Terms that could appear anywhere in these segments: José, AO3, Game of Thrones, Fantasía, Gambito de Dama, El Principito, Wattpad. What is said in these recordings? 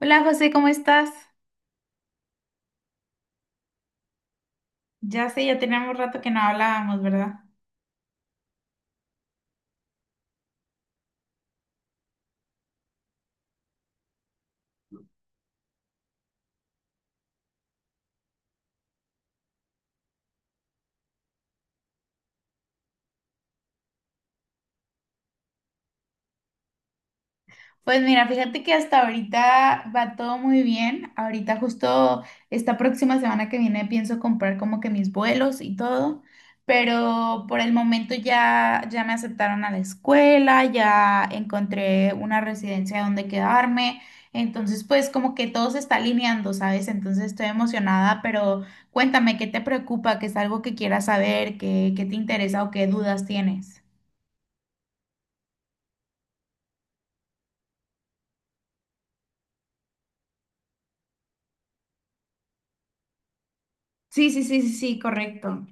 Hola José, ¿cómo estás? Ya sé, ya teníamos rato que no hablábamos, ¿verdad? Pues mira, fíjate que hasta ahorita va todo muy bien. Ahorita justo esta próxima semana que viene pienso comprar como que mis vuelos y todo, pero por el momento ya me aceptaron a la escuela, ya encontré una residencia donde quedarme. Entonces, pues como que todo se está alineando, ¿sabes? Entonces estoy emocionada, pero cuéntame, ¿qué te preocupa? ¿Qué es algo que quieras saber? ¿Qué te interesa o qué dudas tienes? Sí, sí, sí, sí, sí, correcto.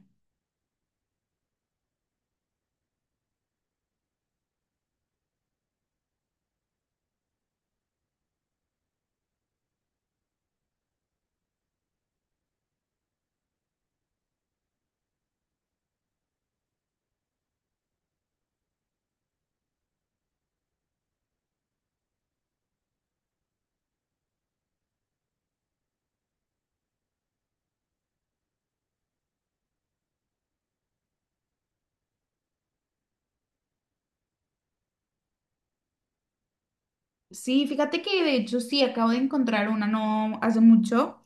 Sí, fíjate que de hecho sí, acabo de encontrar una no hace mucho.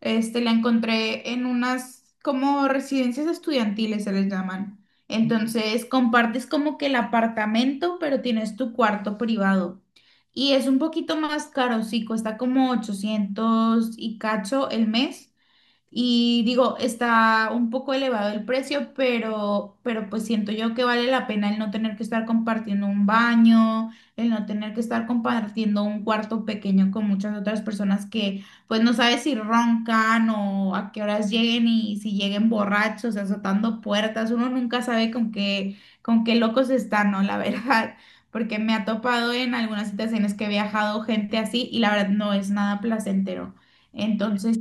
Este, la encontré en unas como residencias estudiantiles se les llaman. Entonces compartes como que el apartamento, pero tienes tu cuarto privado. Y es un poquito más caro, sí, cuesta como 800 y cacho el mes, y digo, está un poco elevado el precio, pero pues siento yo que vale la pena el no tener que estar compartiendo un baño, el no tener que estar compartiendo un cuarto pequeño con muchas otras personas que pues no sabes si roncan o a qué horas lleguen y si lleguen borrachos, azotando puertas, uno nunca sabe con qué, con qué, locos están, ¿no? La verdad, porque me ha topado en algunas situaciones que he viajado gente así y la verdad no es nada placentero. Entonces...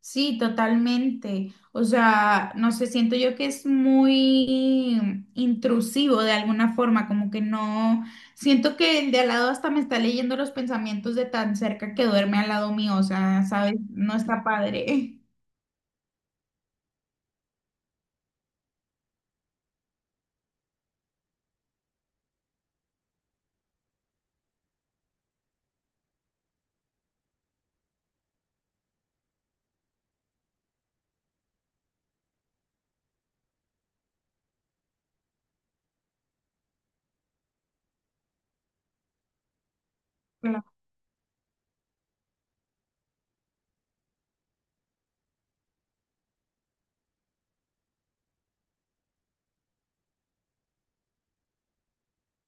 Sí, totalmente. O sea, no sé, siento yo que es muy intrusivo de alguna forma, como que no, siento que el de al lado hasta me está leyendo los pensamientos de tan cerca que duerme al lado mío, o sea, ¿sabes? No está padre.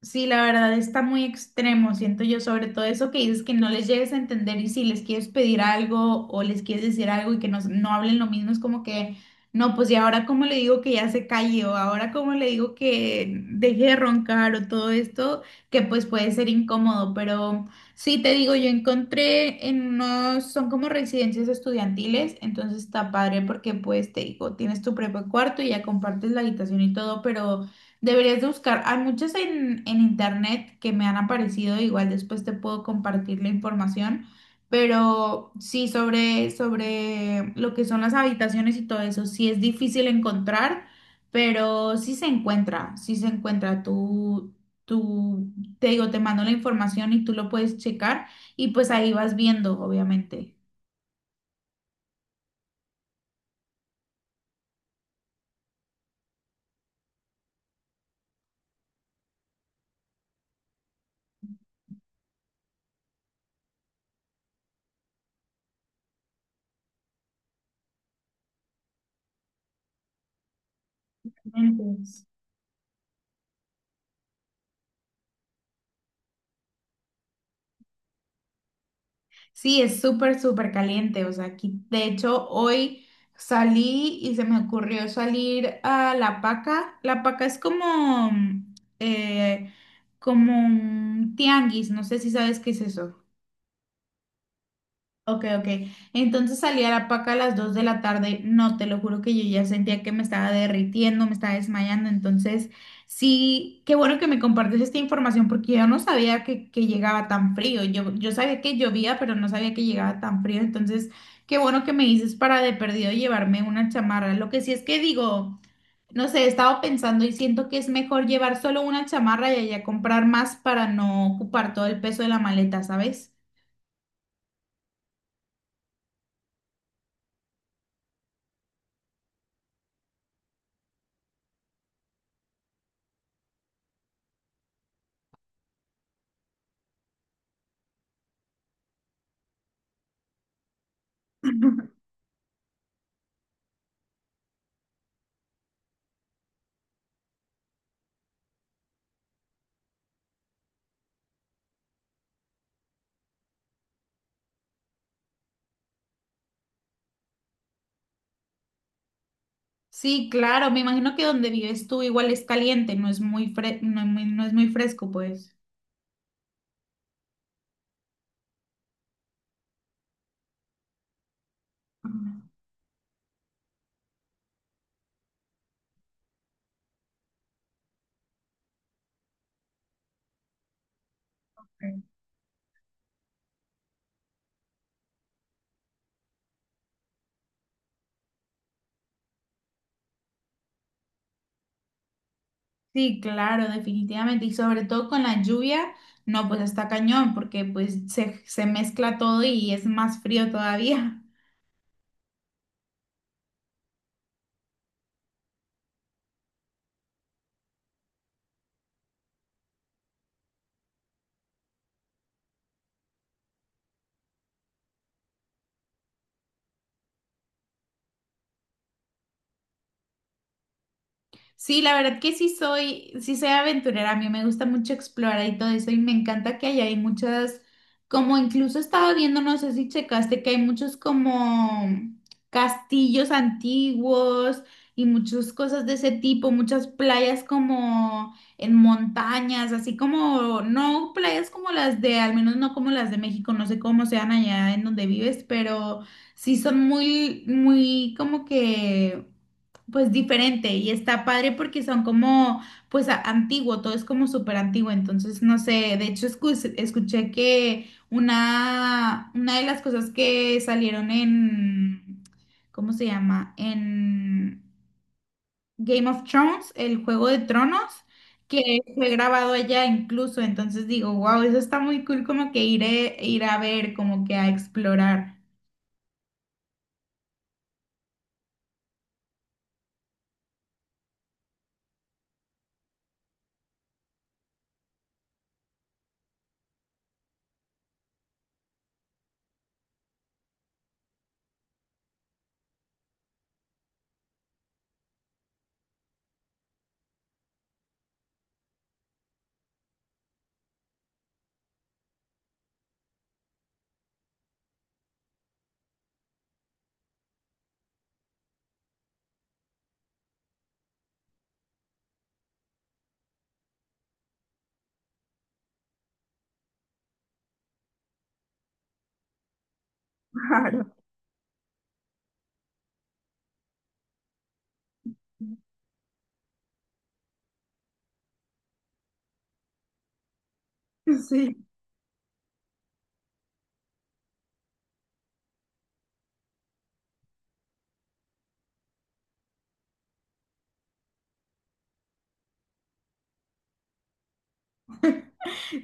Sí, la verdad está muy extremo, siento yo, sobre todo eso que dices que no les llegues a entender y si les quieres pedir algo o les quieres decir algo y que no hablen lo mismo, es como que, no, pues y ahora cómo le digo que ya se calle o ahora cómo le digo que deje de roncar o todo esto, que pues puede ser incómodo, pero sí te digo, yo encontré en unos, son como residencias estudiantiles, entonces está padre porque pues te digo, tienes tu propio cuarto y ya compartes la habitación y todo, pero... Deberías de buscar, hay muchas en internet que me han aparecido, igual después te puedo compartir la información, pero sí sobre lo que son las habitaciones y todo eso, sí es difícil encontrar, pero sí se encuentra, sí se encuentra. Tú, te digo, te mando la información y tú lo puedes checar y pues ahí vas viendo, obviamente. Excelente. Sí, es súper, súper caliente. O sea, aquí, de hecho, hoy salí y se me ocurrió salir a La Paca. La Paca es como, eh, como un tianguis. No sé si sabes qué es eso. Ok, ok. Entonces salí a la paca a las 2 de la tarde. No, te lo juro que yo ya sentía que me estaba derritiendo, me estaba desmayando. Entonces, sí, qué bueno que me compartes esta información porque yo no sabía que llegaba tan frío. Yo sabía que llovía, pero no sabía que llegaba tan frío. Entonces, qué bueno que me dices para de perdido llevarme una chamarra. Lo que sí es que digo, no sé, he estado pensando y siento que es mejor llevar solo una chamarra y allá comprar más para no ocupar todo el peso de la maleta, ¿sabes? Sí, claro, me imagino que donde vives tú igual es caliente, no es muy no es muy fresco, pues. Ah, ok. Sí, claro, definitivamente. Y sobre todo con la lluvia, no, pues está cañón, porque pues se mezcla todo y es más frío todavía. Sí, la verdad que sí soy aventurera, a mí me gusta mucho explorar y todo eso y me encanta que allá hay muchas, como incluso estaba viendo, no sé si checaste, que hay muchos como castillos antiguos y muchas cosas de ese tipo, muchas playas como en montañas, así como, no playas como las de, al menos no como las de México, no sé cómo sean allá en donde vives, pero sí son muy, muy como que... Pues diferente y está padre porque son como, pues antiguo, todo es como súper antiguo, entonces no sé, de hecho escuché que una de las cosas que salieron en, ¿cómo se llama? En Game of Thrones, el Juego de Tronos, que fue grabado allá incluso, entonces digo, wow, eso está muy cool como que ir, ir a ver, como que a explorar. Claro. Sí.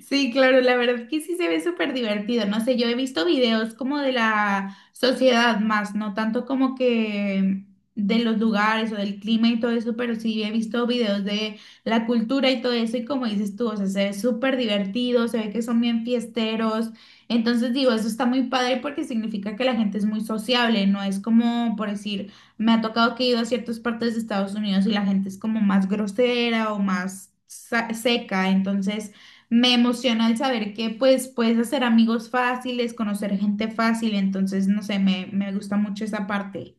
Sí, claro, la verdad es que sí se ve súper divertido. No sé, yo he visto videos como de la sociedad más, no tanto como que de los lugares o del clima y todo eso, pero sí he visto videos de la cultura y todo eso. Y como dices tú, o sea, se ve súper divertido, se ve que son bien fiesteros. Entonces digo, eso está muy padre porque significa que la gente es muy sociable, no es como, por decir, me ha tocado que he ido a ciertas partes de Estados Unidos y la gente es como más grosera o más seca. Entonces... Me emociona el saber que pues puedes hacer amigos fáciles, conocer gente fácil, entonces no sé, me gusta mucho esa parte.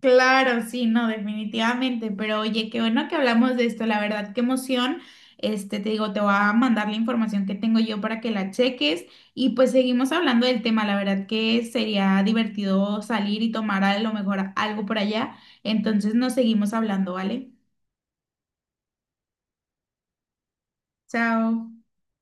Claro, sí, no, definitivamente, pero oye, qué bueno que hablamos de esto, la verdad, qué emoción. Este, te digo, te voy a mandar la información que tengo yo para que la cheques y pues seguimos hablando del tema, la verdad que sería divertido salir y tomar a lo mejor algo por allá, entonces nos seguimos hablando, ¿vale? Chao.